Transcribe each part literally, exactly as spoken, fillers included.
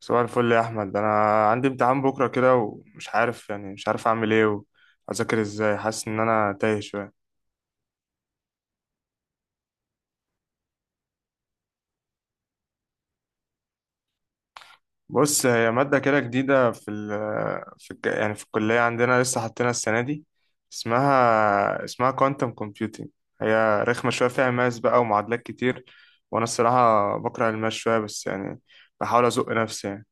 صباح الفل يا احمد، انا عندي امتحان بكره كده ومش عارف يعني مش عارف اعمل ايه واذاكر ازاي. حاسس ان انا تايه شويه. بص، هي ماده كده جديده في ال في الج- يعني في الكليه عندنا لسه حاطينها السنه دي. اسمها اسمها كوانتم كومبيوتنج. هي رخمه شويه، فيها ماس بقى ومعادلات كتير، وانا الصراحه بكره الماس شويه، بس يعني بحاول ازق نفسي يعني.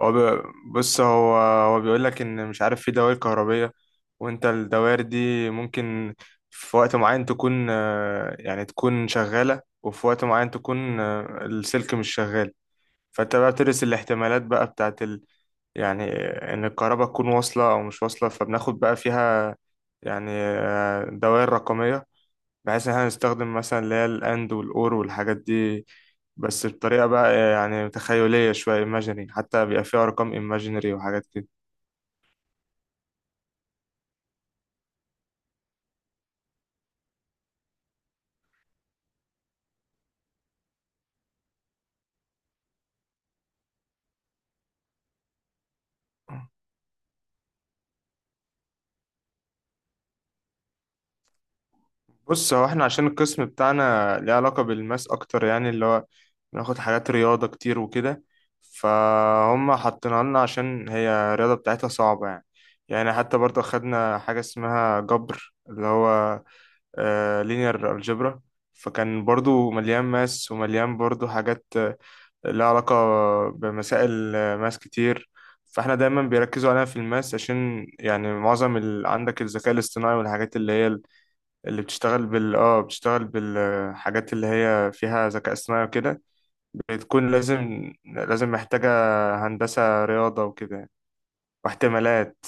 هو بي- بص، هو هو بيقول لك ان مش عارف في دوائر كهربية، وانت الدوائر دي ممكن في وقت معين تكون آه، يعني تكون شغالة، وفي وقت معين تكون آه، السلك مش شغال. فانت بقى بتدرس الاحتمالات بقى بتاعت ال... يعني آه، ان الكهرباء تكون واصلة او مش واصلة، فبناخد بقى فيها يعني آه، دوائر رقمية، بحيث ان احنا نستخدم مثلا اللي هي الاند والاور والحاجات دي، بس بطريقة بقى يعني تخيلية شوية، ايماجيني حتى بيبقى فيها ارقام ايماجينري وحاجات كده. بص، هو احنا عشان القسم بتاعنا ليه علاقة بالماس اكتر، يعني اللي هو بناخد حاجات رياضة كتير وكده، فهم حاطينها لنا عشان هي الرياضة بتاعتها صعبة يعني. يعني حتى برضه خدنا حاجة اسمها جبر، اللي هو لينير الجبرا، فكان برضه مليان ماس ومليان برضه حاجات لها علاقة بمسائل ماس كتير. فاحنا دايما بيركزوا عليها في الماس، عشان يعني معظم ال... عندك الذكاء الاصطناعي والحاجات اللي هي ال- اللي بتشتغل بال اه بتشتغل بالحاجات اللي هي فيها ذكاء اصطناعي وكده، بتكون لازم لازم محتاجة هندسة رياضة وكده يعني، واحتمالات.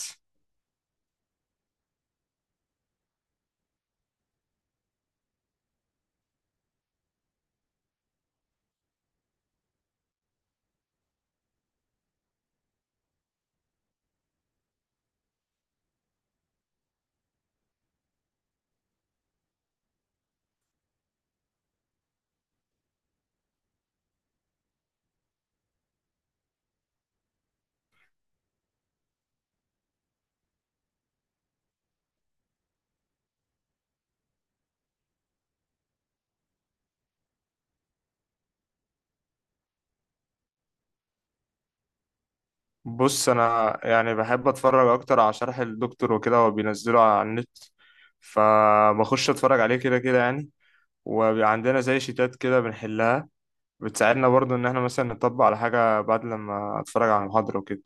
بص، انا يعني بحب اتفرج اكتر على شرح الدكتور وكده، هو بينزله على النت، فبخش اتفرج عليه كده كده يعني. وبيبقى عندنا زي شيتات كده بنحلها، بتساعدنا برضو ان احنا مثلا نطبق على حاجة بعد لما اتفرج على المحاضرة وكده.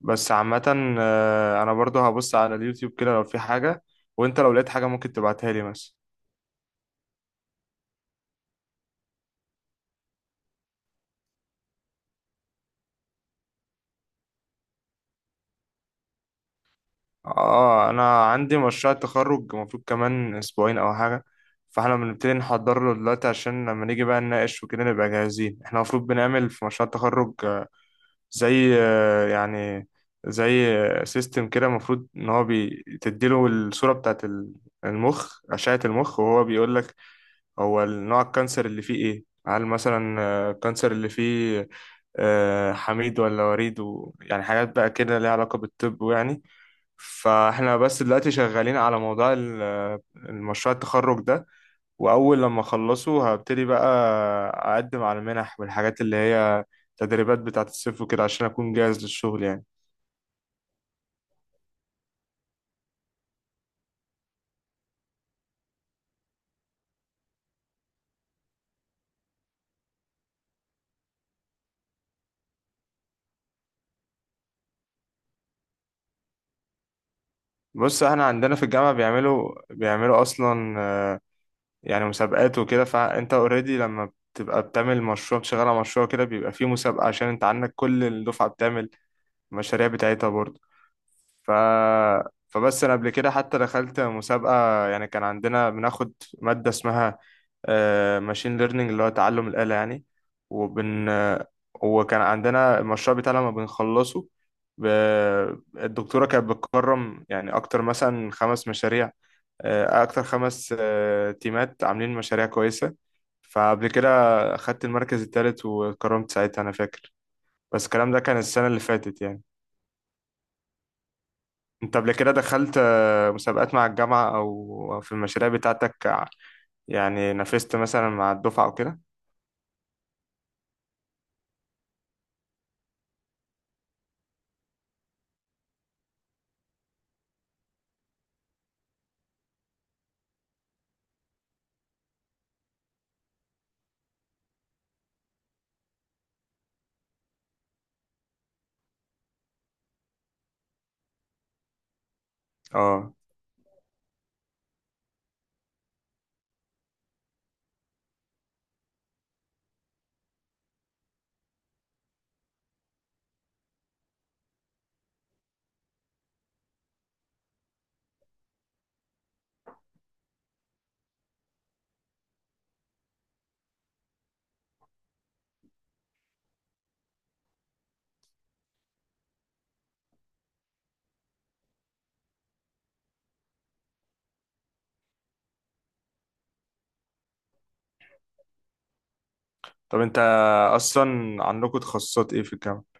بس عامة آه، انا برضو هبص على اليوتيوب كده لو في حاجة، وانت لو لقيت حاجة ممكن تبعتها لي مثلا. اه، انا عندي مشروع تخرج المفروض كمان اسبوعين او حاجة، فاحنا بنبتدي نحضر له دلوقتي عشان لما نيجي بقى نناقش وكده نبقى جاهزين. احنا المفروض بنعمل في مشروع التخرج آه، زي آه، يعني زي سيستم كده، المفروض ان هو بتديله الصورة بتاعت ال- المخ أشعة المخ، وهو بيقول لك هو نوع الكانسر اللي فيه ايه. هل مثلا آه، الكانسر اللي فيه آه، حميد ولا وريد و... يعني حاجات بقى كده ليها علاقة بالطب يعني. فاحنا بس دلوقتي شغالين على موضوع ال- المشروع التخرج ده، واول لما اخلصه هبتدي بقى اقدم على المنح والحاجات اللي هي تدريبات بتاعة الصيف وكده، عشان اكون جاهز للشغل يعني. بص، احنا عندنا في الجامعة بيعملوا بيعملوا اصلا يعني مسابقات وكده، فانت اوريدي لما بتبقى بتعمل مشروع، بتشتغل على مشروع كده بيبقى فيه مسابقة، عشان انت عندك كل الدفعة بتعمل المشاريع بتاعتها برضه. ف... فبس انا قبل كده حتى دخلت مسابقة يعني. كان عندنا بناخد مادة اسمها ماشين ليرنينج، اللي هو تعلم الآلة يعني. وبن وكان عندنا المشروع بتاعنا لما بنخلصه ب... الدكتورة كانت بتكرم يعني أكتر مثلا خمس مشاريع، آه، أكتر خمس آه، تيمات عاملين مشاريع كويسة. فقبل كده أخدت المركز التالت، واتكرمت ساعتها، أنا فاكر. بس الكلام ده كان السنة اللي فاتت يعني. أنت قبل كده دخلت آه، مسابقات مع الجامعة، أو أو في المشاريع بتاعتك ع- يعني نافست مثلا مع الدفعة أو كده؟ أه. طب أنت أصلا عندكم تخصصات إيه في الجامعة؟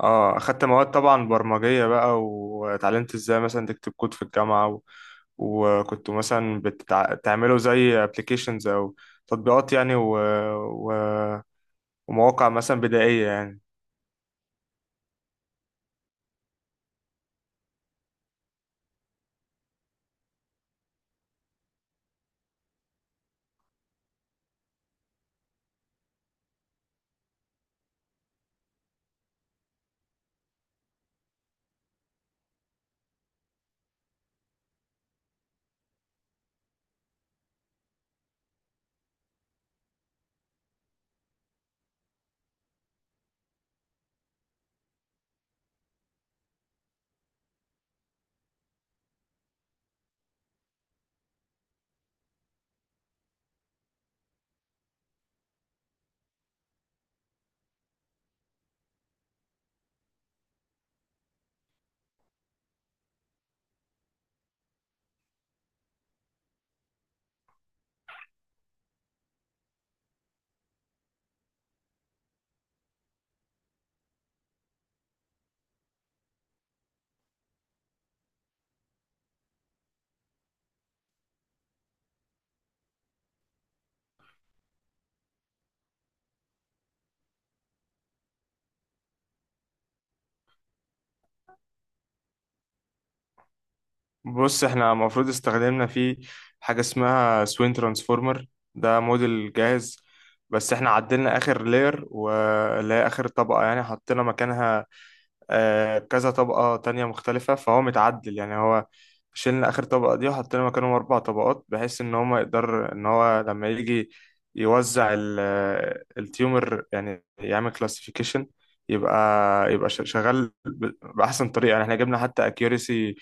أه، أخدت مواد طبعا برمجية بقى، واتعلمت إزاي مثلا تكتب كود في الجامعة، وكنتوا مثلا بتعملوا زي applications أو تطبيقات يعني و... و... ومواقع مثلا بدائية يعني. بص، احنا المفروض استخدمنا فيه حاجة اسمها سوين ترانسفورمر. ده موديل جاهز، بس احنا عدلنا آخر لير، واللي هي آخر طبقة يعني، حطينا مكانها آه، كذا طبقة تانية مختلفة، فهو متعدل يعني. هو شيلنا آخر طبقة دي وحطينا مكانهم أربع طبقات، بحيث إن هو يقدر إن هو لما يجي يوزع ال- التيومر يعني، يعمل كلاسيفيكيشن. يبقى يبقى ش- شغال ب- بأحسن طريقة يعني. إحنا جبنا حتى أكيوريسي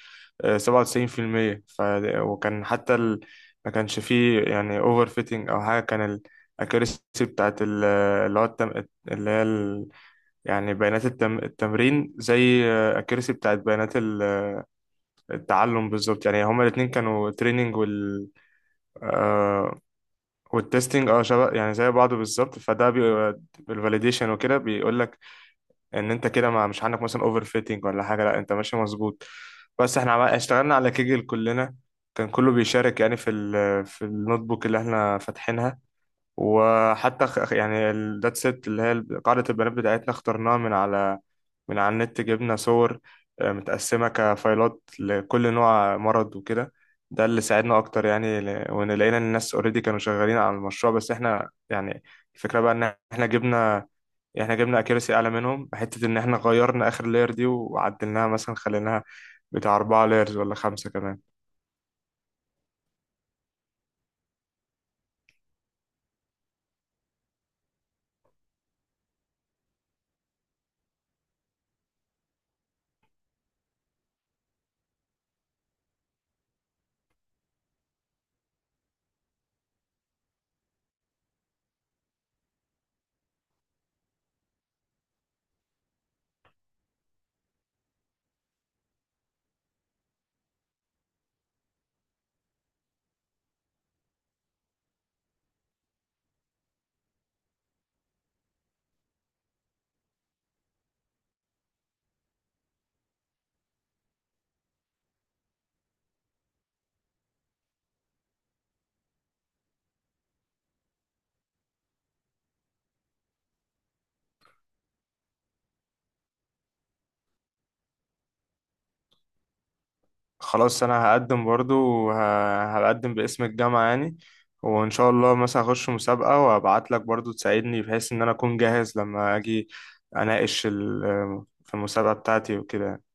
سبعة وتسعين في المية. ف وكان حتى ال... ما كانش فيه يعني أوفر فيتنج أو حاجة. كان الأكيوريسي بتاعت ال- اللي هو التم... اللي هي يعني بيانات التم... التمرين زي اكيرسي بتاعت بيانات ال- التعلم بالظبط يعني. هما الاتنين كانوا تريننج، وال آه والتستنج، اه شبه يعني، زي بعض بالظبط. فده بي... بالفاليديشن وكده بيقول لك ان انت كده ما مش عندك مثلا اوفر فيتنج ولا حاجه، لا، انت ماشي مظبوط. بس احنا عم... اشتغلنا على كيجل كلنا، كان كله بيشارك يعني في ال... في النوت بوك اللي احنا فاتحينها. وحتى خ- يعني الدات سيت، اللي هي ال- قاعدة البيانات بتاعتنا، اخترناها من على من على النت. جبنا صور آه، متقسمة كفايلات لكل نوع مرض وكده، ده اللي ساعدنا أكتر يعني. ل- وإن لقينا إن الناس أوريدي كانوا شغالين على المشروع، بس إحنا يعني الفكرة بقى إن إحنا جبنا إحنا جبنا أكيرسي أعلى منهم، حتة إن إحنا غيرنا آخر لاير دي وعدلناها، مثلا خليناها بتاع أربعة لايرز ولا خمسة كمان. خلاص، انا هقدم برضو، وه- هقدم باسم الجامعة يعني، وان شاء الله مثلا هخش مسابقة، وابعت لك برضو تساعدني، بحيث ان انا اكون جاهز لما اجي اناقش ال- في المسابقة بتاعتي وكده يعني.